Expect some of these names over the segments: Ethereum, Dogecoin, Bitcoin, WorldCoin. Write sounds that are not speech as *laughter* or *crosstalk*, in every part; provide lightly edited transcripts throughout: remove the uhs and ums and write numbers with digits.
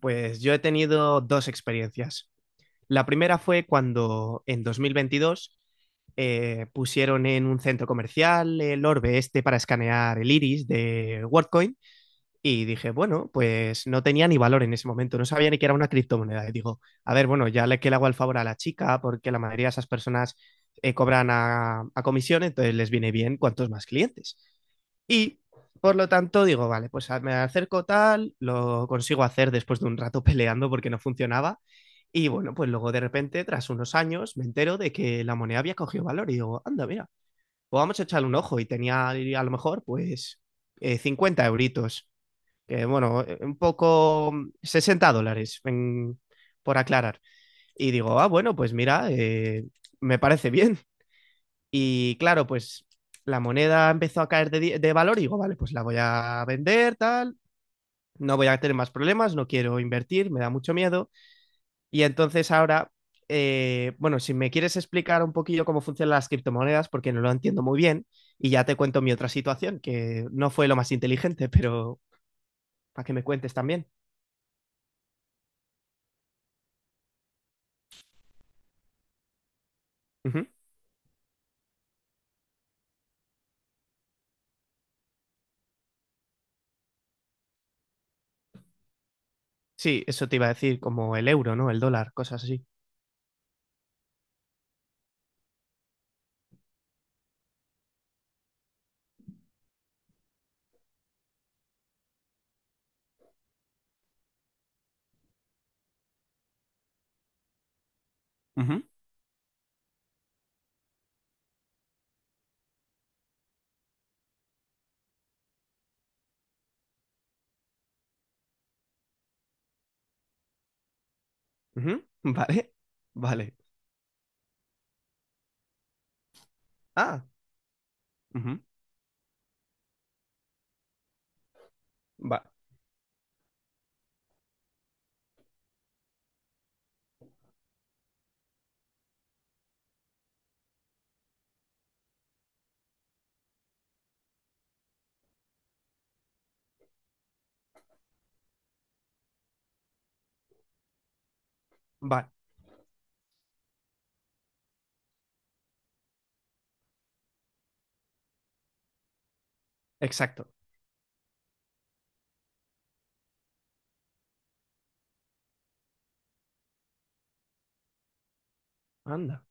Pues yo he tenido dos experiencias. La primera fue cuando en 2022 pusieron en un centro comercial el orbe este para escanear el iris de WorldCoin y dije, bueno, pues no tenía ni valor en ese momento, no sabía ni que era una criptomoneda. Y digo, a ver, bueno, ya le que le hago el favor a la chica porque la mayoría de esas personas cobran a comisión, entonces les viene bien cuantos más clientes. Y por lo tanto digo, vale, pues me acerco tal, lo consigo hacer después de un rato *laughs* peleando porque no funcionaba. Y bueno, pues luego de repente, tras unos años, me entero de que la moneda había cogido valor y digo, anda, mira, pues vamos a echarle un ojo. Y tenía a lo mejor pues 50 euritos, que bueno, un poco 60 dólares, por aclarar. Y digo, ah, bueno, pues mira, me parece bien. Y claro, pues la moneda empezó a caer de valor y digo, vale, pues la voy a vender, tal, no voy a tener más problemas, no quiero invertir, me da mucho miedo. Y entonces ahora, bueno, si me quieres explicar un poquillo cómo funcionan las criptomonedas, porque no lo entiendo muy bien, y ya te cuento mi otra situación, que no fue lo más inteligente, pero para que me cuentes también. Ujú. Sí, eso te iba a decir, como el euro, ¿no? El dólar, cosas así. Ujú, ujú, *laughs* vale, vale. Ah, ujú, va, va, exacto. Anda.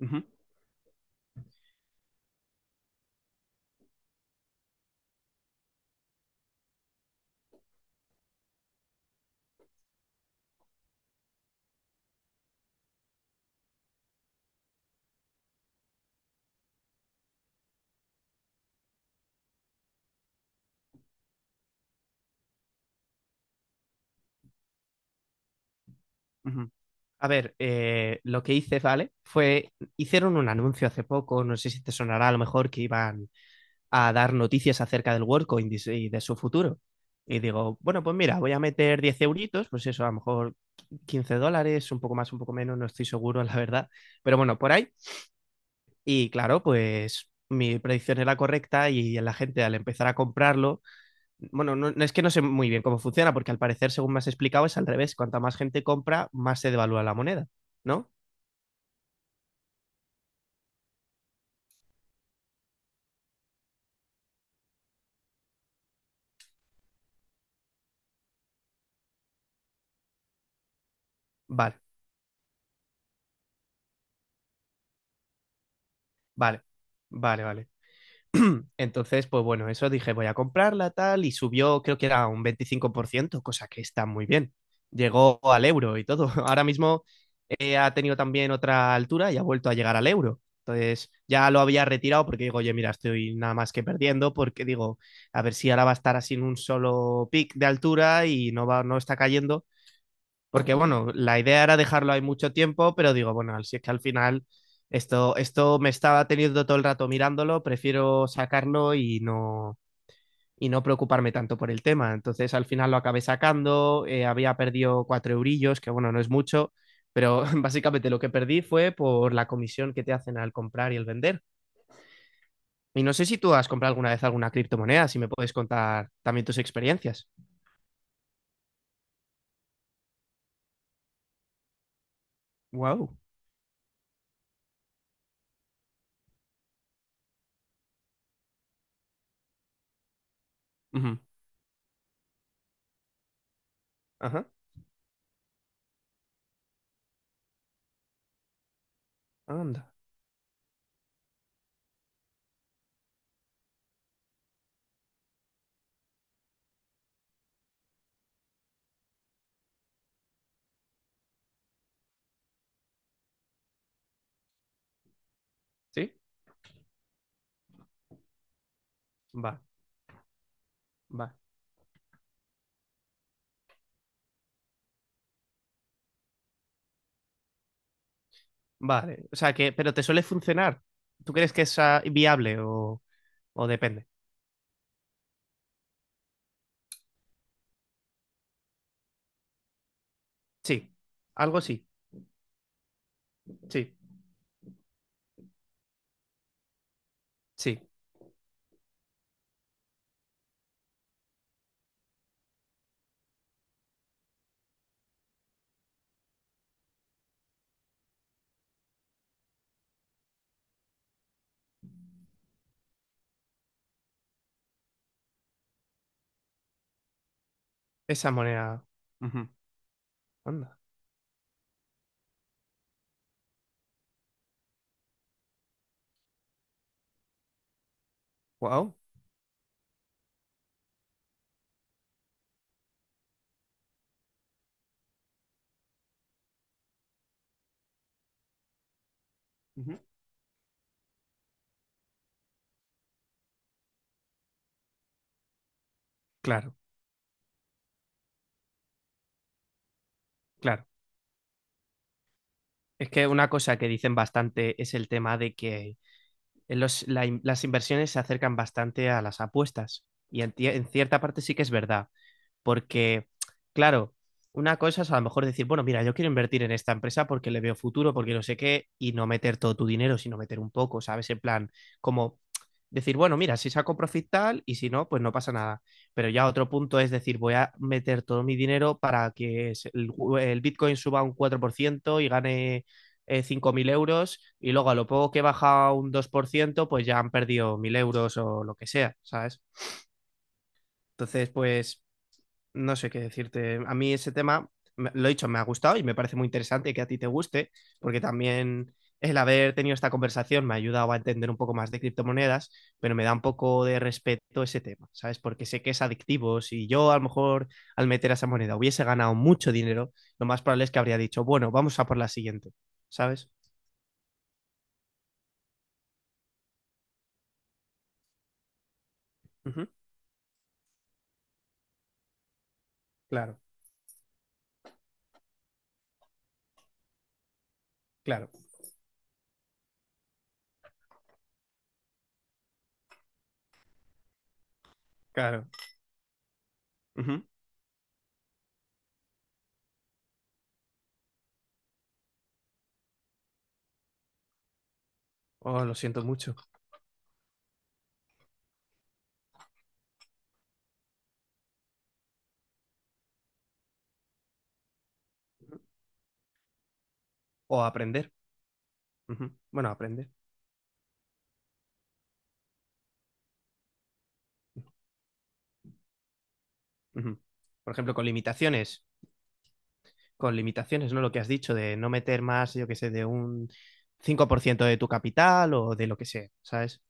Ujú, ujú. A ver, lo que hice, ¿vale? Fue, hicieron un anuncio hace poco, no sé si te sonará a lo mejor que iban a dar noticias acerca del WorldCoin y de su futuro. Y digo, bueno, pues mira, voy a meter 10 euritos, pues eso, a lo mejor 15 dólares, un poco más, un poco menos, no estoy seguro, *laughs* la verdad. Pero bueno, por ahí. Y claro, pues mi predicción era correcta y la gente al empezar a comprarlo, bueno, es que no sé muy bien cómo funciona, porque al parecer, según me has explicado, es al revés. Cuanta más gente compra, más se devalúa la moneda, ¿no? Vale, vale, vale, vale. Entonces, pues bueno, eso dije, voy a comprarla tal, y subió, creo que era un 25%, cosa que está muy bien. Llegó al euro y todo. *laughs* Ahora mismo ha tenido también otra altura y ha vuelto a llegar al euro. Entonces, ya lo había retirado porque digo, oye, mira, estoy nada más que perdiendo, porque digo, a ver si ahora va a estar así en un solo pic de altura y no va, no está cayendo. Porque bueno, la idea era dejarlo ahí mucho tiempo, pero digo, bueno, si es que al final esto me estaba teniendo todo el rato mirándolo, prefiero sacarlo y no preocuparme tanto por el tema. Entonces al final lo acabé sacando, había perdido 4 eurillos, que bueno, no es mucho, pero *laughs* básicamente lo que perdí fue por la comisión que te hacen al comprar y el vender. Y no sé si tú has comprado alguna vez alguna criptomoneda, si me puedes contar también tus experiencias. Wow. Ujú. Ajá. Anda. Sí. Va, va. Vale, o sea que, pero ¿te suele funcionar? ¿Tú crees que es viable o depende? Sí, algo sí, sí, sí, esa moneda. Ujú. Anda, wow, ujú. Claro, claro. Es que una cosa que dicen bastante es el tema de que las inversiones se acercan bastante a las apuestas y en cierta parte sí que es verdad. Porque, claro, una cosa es a lo mejor decir, bueno, mira, yo quiero invertir en esta empresa porque le veo futuro, porque no sé qué, y no meter todo tu dinero, sino meter un poco, ¿sabes? En plan, como decir, bueno, mira, si saco profit tal y si no, pues no pasa nada. Pero ya otro punto es decir, voy a meter todo mi dinero para que el Bitcoin suba un 4% y gane 5.000 euros y luego a lo poco que baja un 2% pues ya han perdido 1.000 euros o lo que sea, ¿sabes? Entonces, pues no sé qué decirte. A mí ese tema, lo he dicho, me ha gustado y me parece muy interesante que a ti te guste, porque también el haber tenido esta conversación me ha ayudado a entender un poco más de criptomonedas, pero me da un poco de respeto ese tema, ¿sabes? Porque sé que es adictivo. Si yo a lo mejor al meter a esa moneda hubiese ganado mucho dinero, lo más probable es que habría dicho, bueno, vamos a por la siguiente, ¿sabes? Ujú, claro, claro, claro. Ujú. Oh, lo siento mucho. O aprender. Ujú. Bueno, aprender. Ujú. Por ejemplo, con limitaciones. Con limitaciones, ¿no? Lo que has dicho de no meter más, yo qué sé, de un 5% de tu capital o de lo que sea, ¿sabes?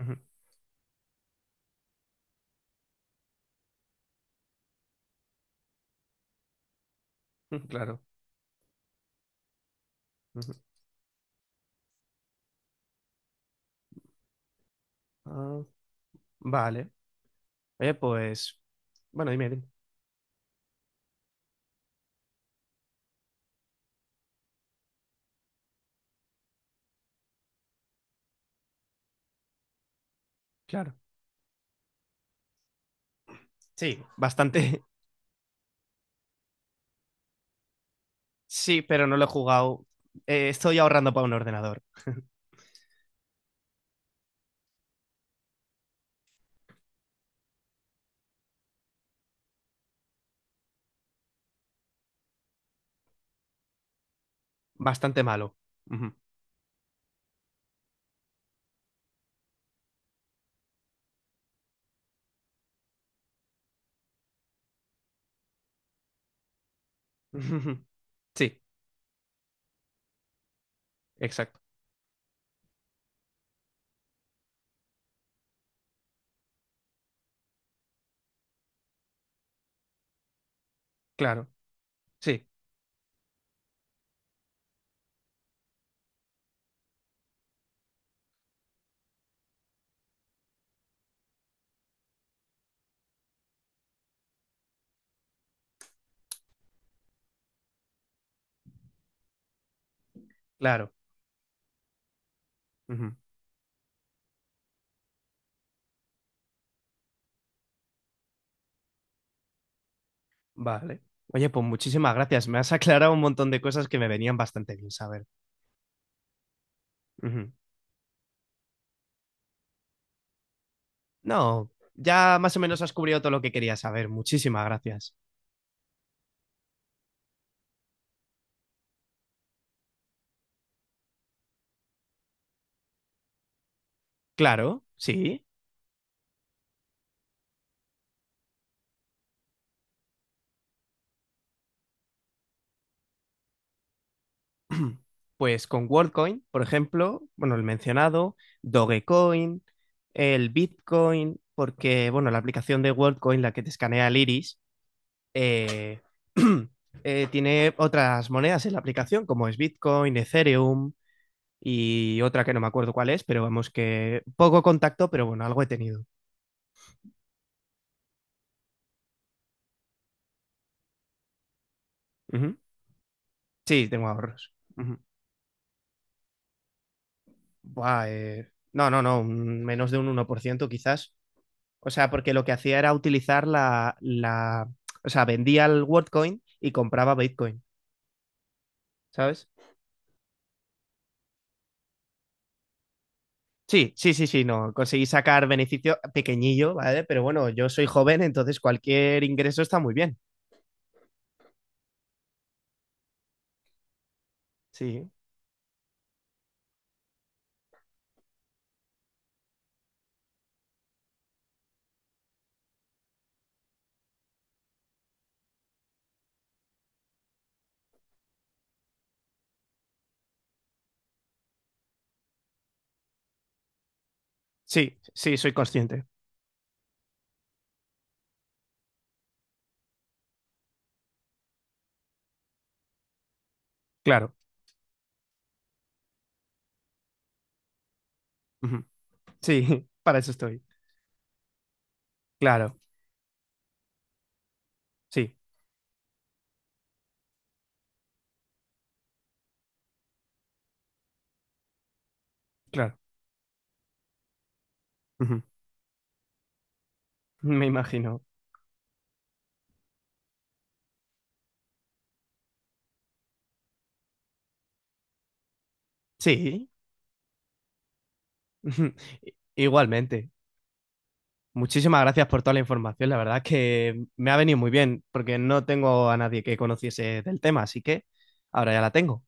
Ujú, *laughs* claro. Ujú. Ah, vale. Oye, pues, bueno, dime, dime. Claro. Sí, bastante. *laughs* Sí, pero no lo he jugado. Estoy ahorrando para un ordenador. Bastante malo. Ujú. *laughs* Sí, exacto. Claro. Sí, claro. Ujú. Vale. Oye, pues muchísimas gracias. Me has aclarado un montón de cosas que me venían bastante bien saber. Ujú. No, ya más o menos has cubrido todo lo que quería saber. Muchísimas gracias. Claro, sí. *clears throat* Pues con WorldCoin, por ejemplo, bueno, el mencionado, Dogecoin, el Bitcoin, porque, bueno, la aplicación de WorldCoin, la que te escanea el iris, eh, *clears throat* tiene otras monedas en la aplicación, como es Bitcoin, Ethereum y otra que no me acuerdo cuál es, pero vamos que poco contacto, pero bueno, algo he tenido. Ujú. Sí, tengo ahorros. Ujú. Buah, no, no, no, menos de un 1% quizás. O sea, porque lo que hacía era utilizar o sea, vendía el WorldCoin y compraba Bitcoin, ¿sabes? Sí, sí, sí, sí, no, conseguí sacar beneficio pequeñillo, ¿vale? Pero bueno, yo soy joven, entonces cualquier ingreso está muy bien. Sí, sí, sí, soy consciente, claro. Ujú. Sí, *laughs* para eso estoy, claro, sí, claro. Ujú. Me imagino. Sí, *laughs* igualmente. Muchísimas gracias por toda la información. La verdad es que me ha venido muy bien porque no tengo a nadie que conociese del tema, así que ahora ya la tengo.